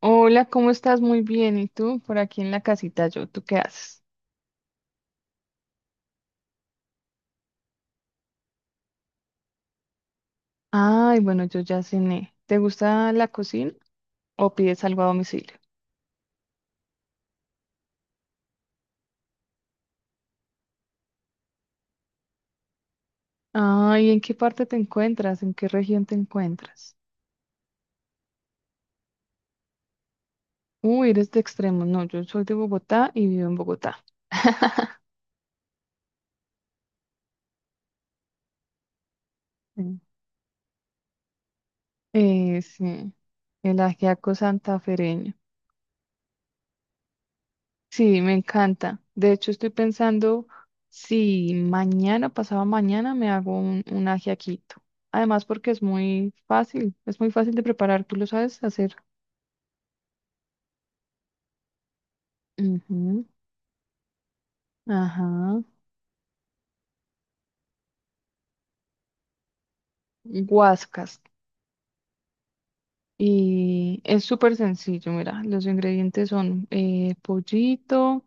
Hola, ¿cómo estás? Muy bien. ¿Y tú? Por aquí en la casita yo. ¿Tú qué haces? Ay, bueno, yo ya cené. ¿Te gusta la cocina o pides algo a domicilio? Ay, ¿en qué parte te encuentras? ¿En qué región te encuentras? Uy, eres de extremo. No, yo soy de Bogotá y vivo en Bogotá. Mm. Sí, el ajiaco santafereño. Sí, me encanta. De hecho, estoy pensando si mañana, pasado mañana, me hago un ajiaquito. Además, porque es muy fácil de preparar, tú lo sabes hacer. Ujú. Ajá. Guascas. Y es súper sencillo, mira, los ingredientes son pollito.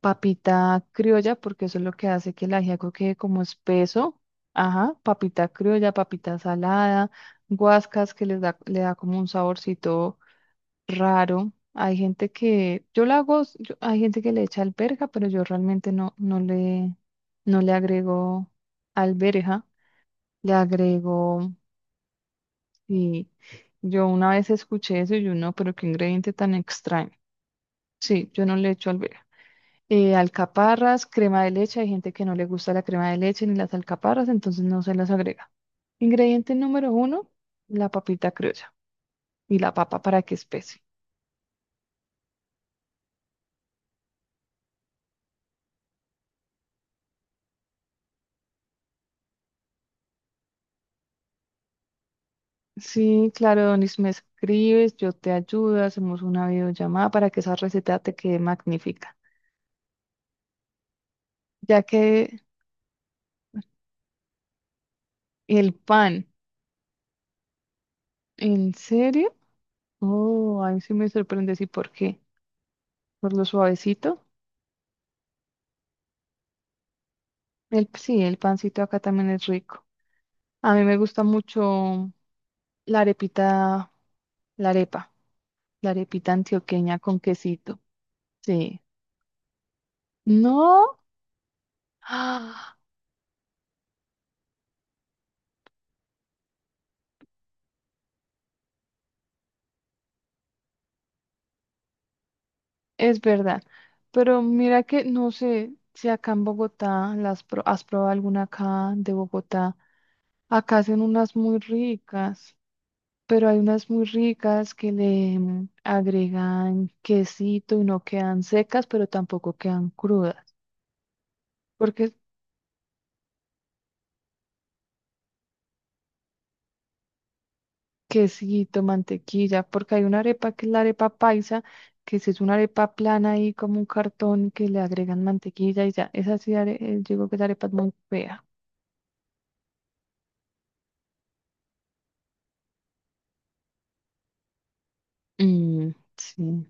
Papita criolla, porque eso es lo que hace que el ajiaco quede como espeso. Ajá, papita criolla, papita salada, guascas que les da, le da como un saborcito raro. Hay gente que, yo la hago, hay gente que le echa alberja, pero yo realmente no le agrego alberja, le agrego, y yo una vez escuché eso y yo no, pero qué ingrediente tan extraño. Sí, yo no le echo alberja. Alcaparras, crema de leche. Hay gente que no le gusta la crema de leche ni las alcaparras, entonces no se las agrega. Ingrediente número uno, la papita criolla y la papa para que espese. Sí, claro, Donis, me escribes, yo te ayudo, hacemos una videollamada para que esa receta te quede magnífica. Ya que el pan, ¿en serio? Oh, ahí sí me sorprende, ¿y por qué? ¿Por lo suavecito? El, sí, el pancito acá también es rico. A mí me gusta mucho la arepita. La arepa, la arepita antioqueña con quesito. Sí. No, ¡ah! Es verdad. Pero mira que no sé si acá en Bogotá has probado alguna acá de Bogotá. Acá hacen unas muy ricas, pero hay unas muy ricas que le agregan quesito y no quedan secas, pero tampoco quedan crudas. Porque quesito, mantequilla, porque hay una arepa que es la arepa paisa, que si es una arepa plana ahí como un cartón que le agregan mantequilla y ya, esa sí, digo que esa arepa es muy fea. Mm, sí.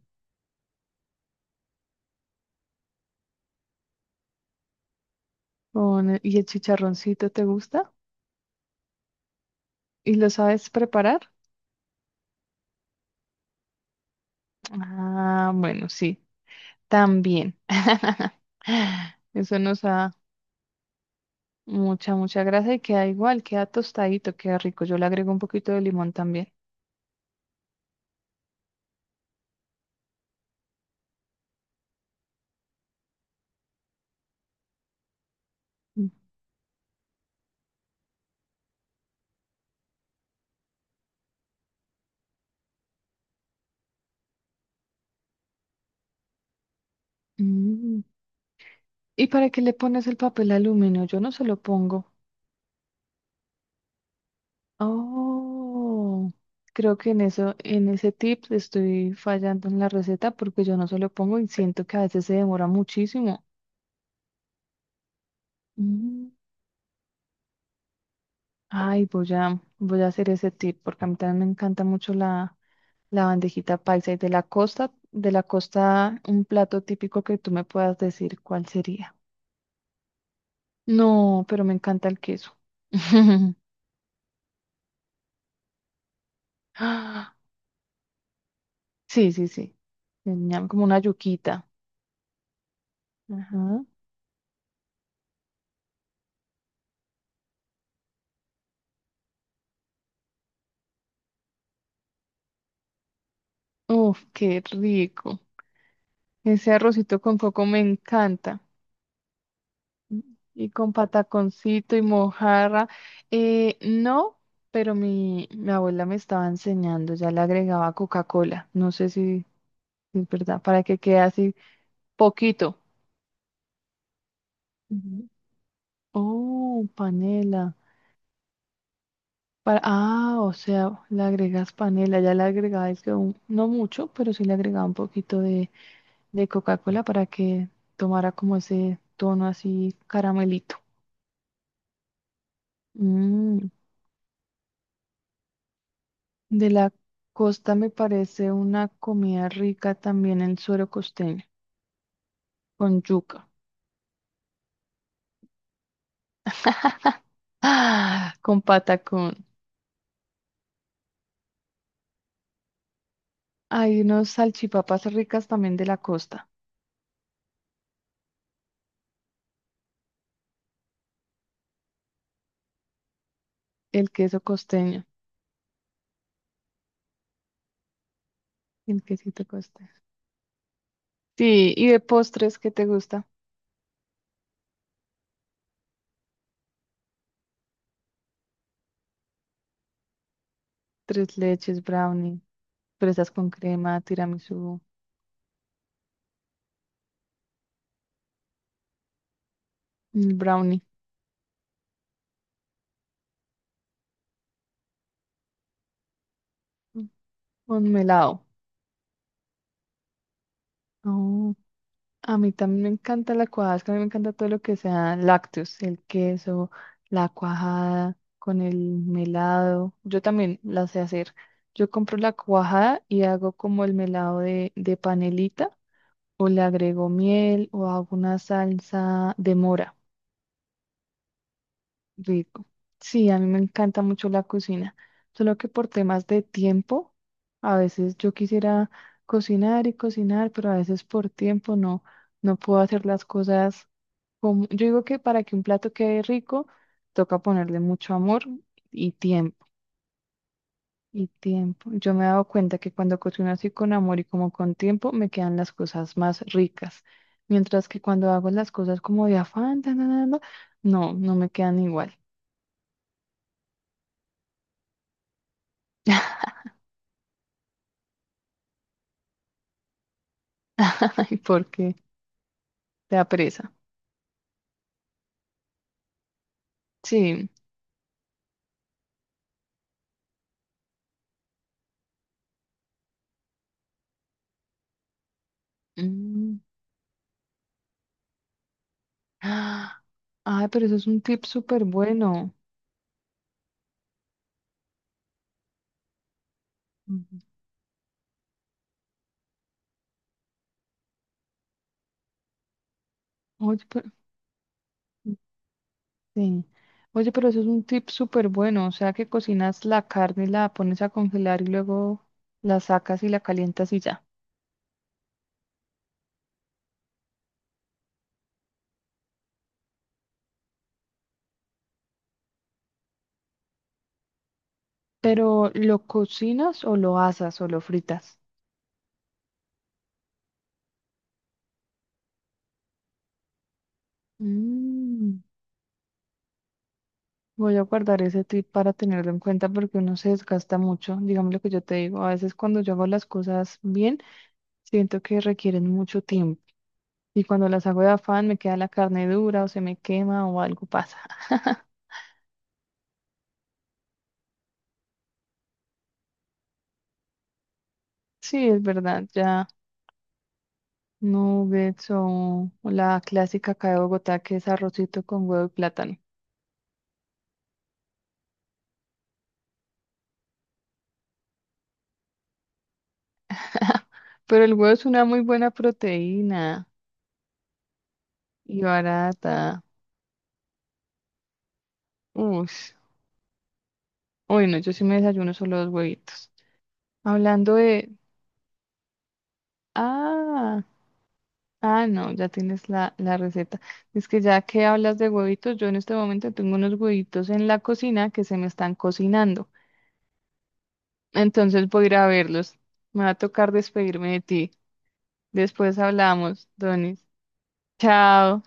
Con, ¿y el chicharroncito te gusta? ¿Y lo sabes preparar? Ah, bueno, sí, también. Eso nos da mucha grasa y queda igual, queda tostadito, queda rico. Yo le agrego un poquito de limón también. Mm. ¿Y para qué le pones el papel aluminio? Yo no se lo pongo. Oh, creo que en eso, en ese tip estoy fallando en la receta porque yo no se lo pongo y siento que a veces se demora muchísimo. Mm. Ay, voy a hacer ese tip porque a mí también me encanta mucho la bandejita paisa y de la costa, un plato típico que tú me puedas decir cuál sería. No, pero me encanta el queso. Ah, sí, sí, sí. El ñam, como una yuquita. Ajá. Uf, qué rico. Ese arrocito con coco me encanta. Y con pataconcito y mojarra. No, pero mi abuela me estaba enseñando, ya le agregaba Coca-Cola. No sé si es verdad, para que quede así poquito. Ujú. Oh, panela. Para, ah, o sea, le agregas panela. Ya le agregaba, es que no mucho, pero sí le agregaba un poquito de Coca-Cola para que tomara como ese tono así caramelito. Mm. De la costa me parece una comida rica también el suero costeño, con yuca. ¡Ah! Con patacón. Hay unos salchipapas ricas también de la costa, el queso costeño, el quesito costeño. Sí, y de postres, ¿qué te gusta? Tres leches, brownie, fresas con crema, tiramisú, brownie, mm, con melado. A mí también me encanta la cuajada, es que a mí me encanta todo lo que sea lácteos, el queso, la cuajada con el melado. Yo también la sé hacer. Yo compro la cuajada y hago como el melado de panelita o le agrego miel o hago una salsa de mora. Rico. Sí, a mí me encanta mucho la cocina, solo que por temas de tiempo, a veces yo quisiera cocinar y cocinar, pero a veces por tiempo no puedo hacer las cosas como... Yo digo que para que un plato quede rico, toca ponerle mucho amor y tiempo, y tiempo. Yo me he dado cuenta que cuando cocino así con amor y como con tiempo, me quedan las cosas más ricas, mientras que cuando hago las cosas como de afán, tan, tan, tan, tan, no me quedan igual. Ay, porque te da pereza. Sí. Mm. Ah, ay, pero eso es un tip súper bueno. Ujú. Oye, pero, sí. Oye, pero eso es un tip súper bueno. O sea, que cocinas la carne y la pones a congelar y luego la sacas y la calientas y ya. Pero ¿lo cocinas o lo asas o lo fritas? Mm. Voy a guardar ese tip para tenerlo en cuenta porque uno se desgasta mucho. Digamos lo que yo te digo. A veces cuando yo hago las cosas bien, siento que requieren mucho tiempo y cuando las hago de afán me queda la carne dura o se me quema o algo pasa. Sí, es verdad, ya nuggets o la clásica acá de Bogotá que es arrocito con huevo y plátano. Pero el huevo es una muy buena proteína y barata. Uy, uy, no, yo sí me desayuno solo dos huevitos. Hablando de... Ah, ah, no, ya tienes la receta. Es que ya que hablas de huevitos, yo en este momento tengo unos huevitos en la cocina que se me están cocinando. Entonces voy a ir a verlos. Me va a tocar despedirme de ti. Después hablamos, Donis. Chao.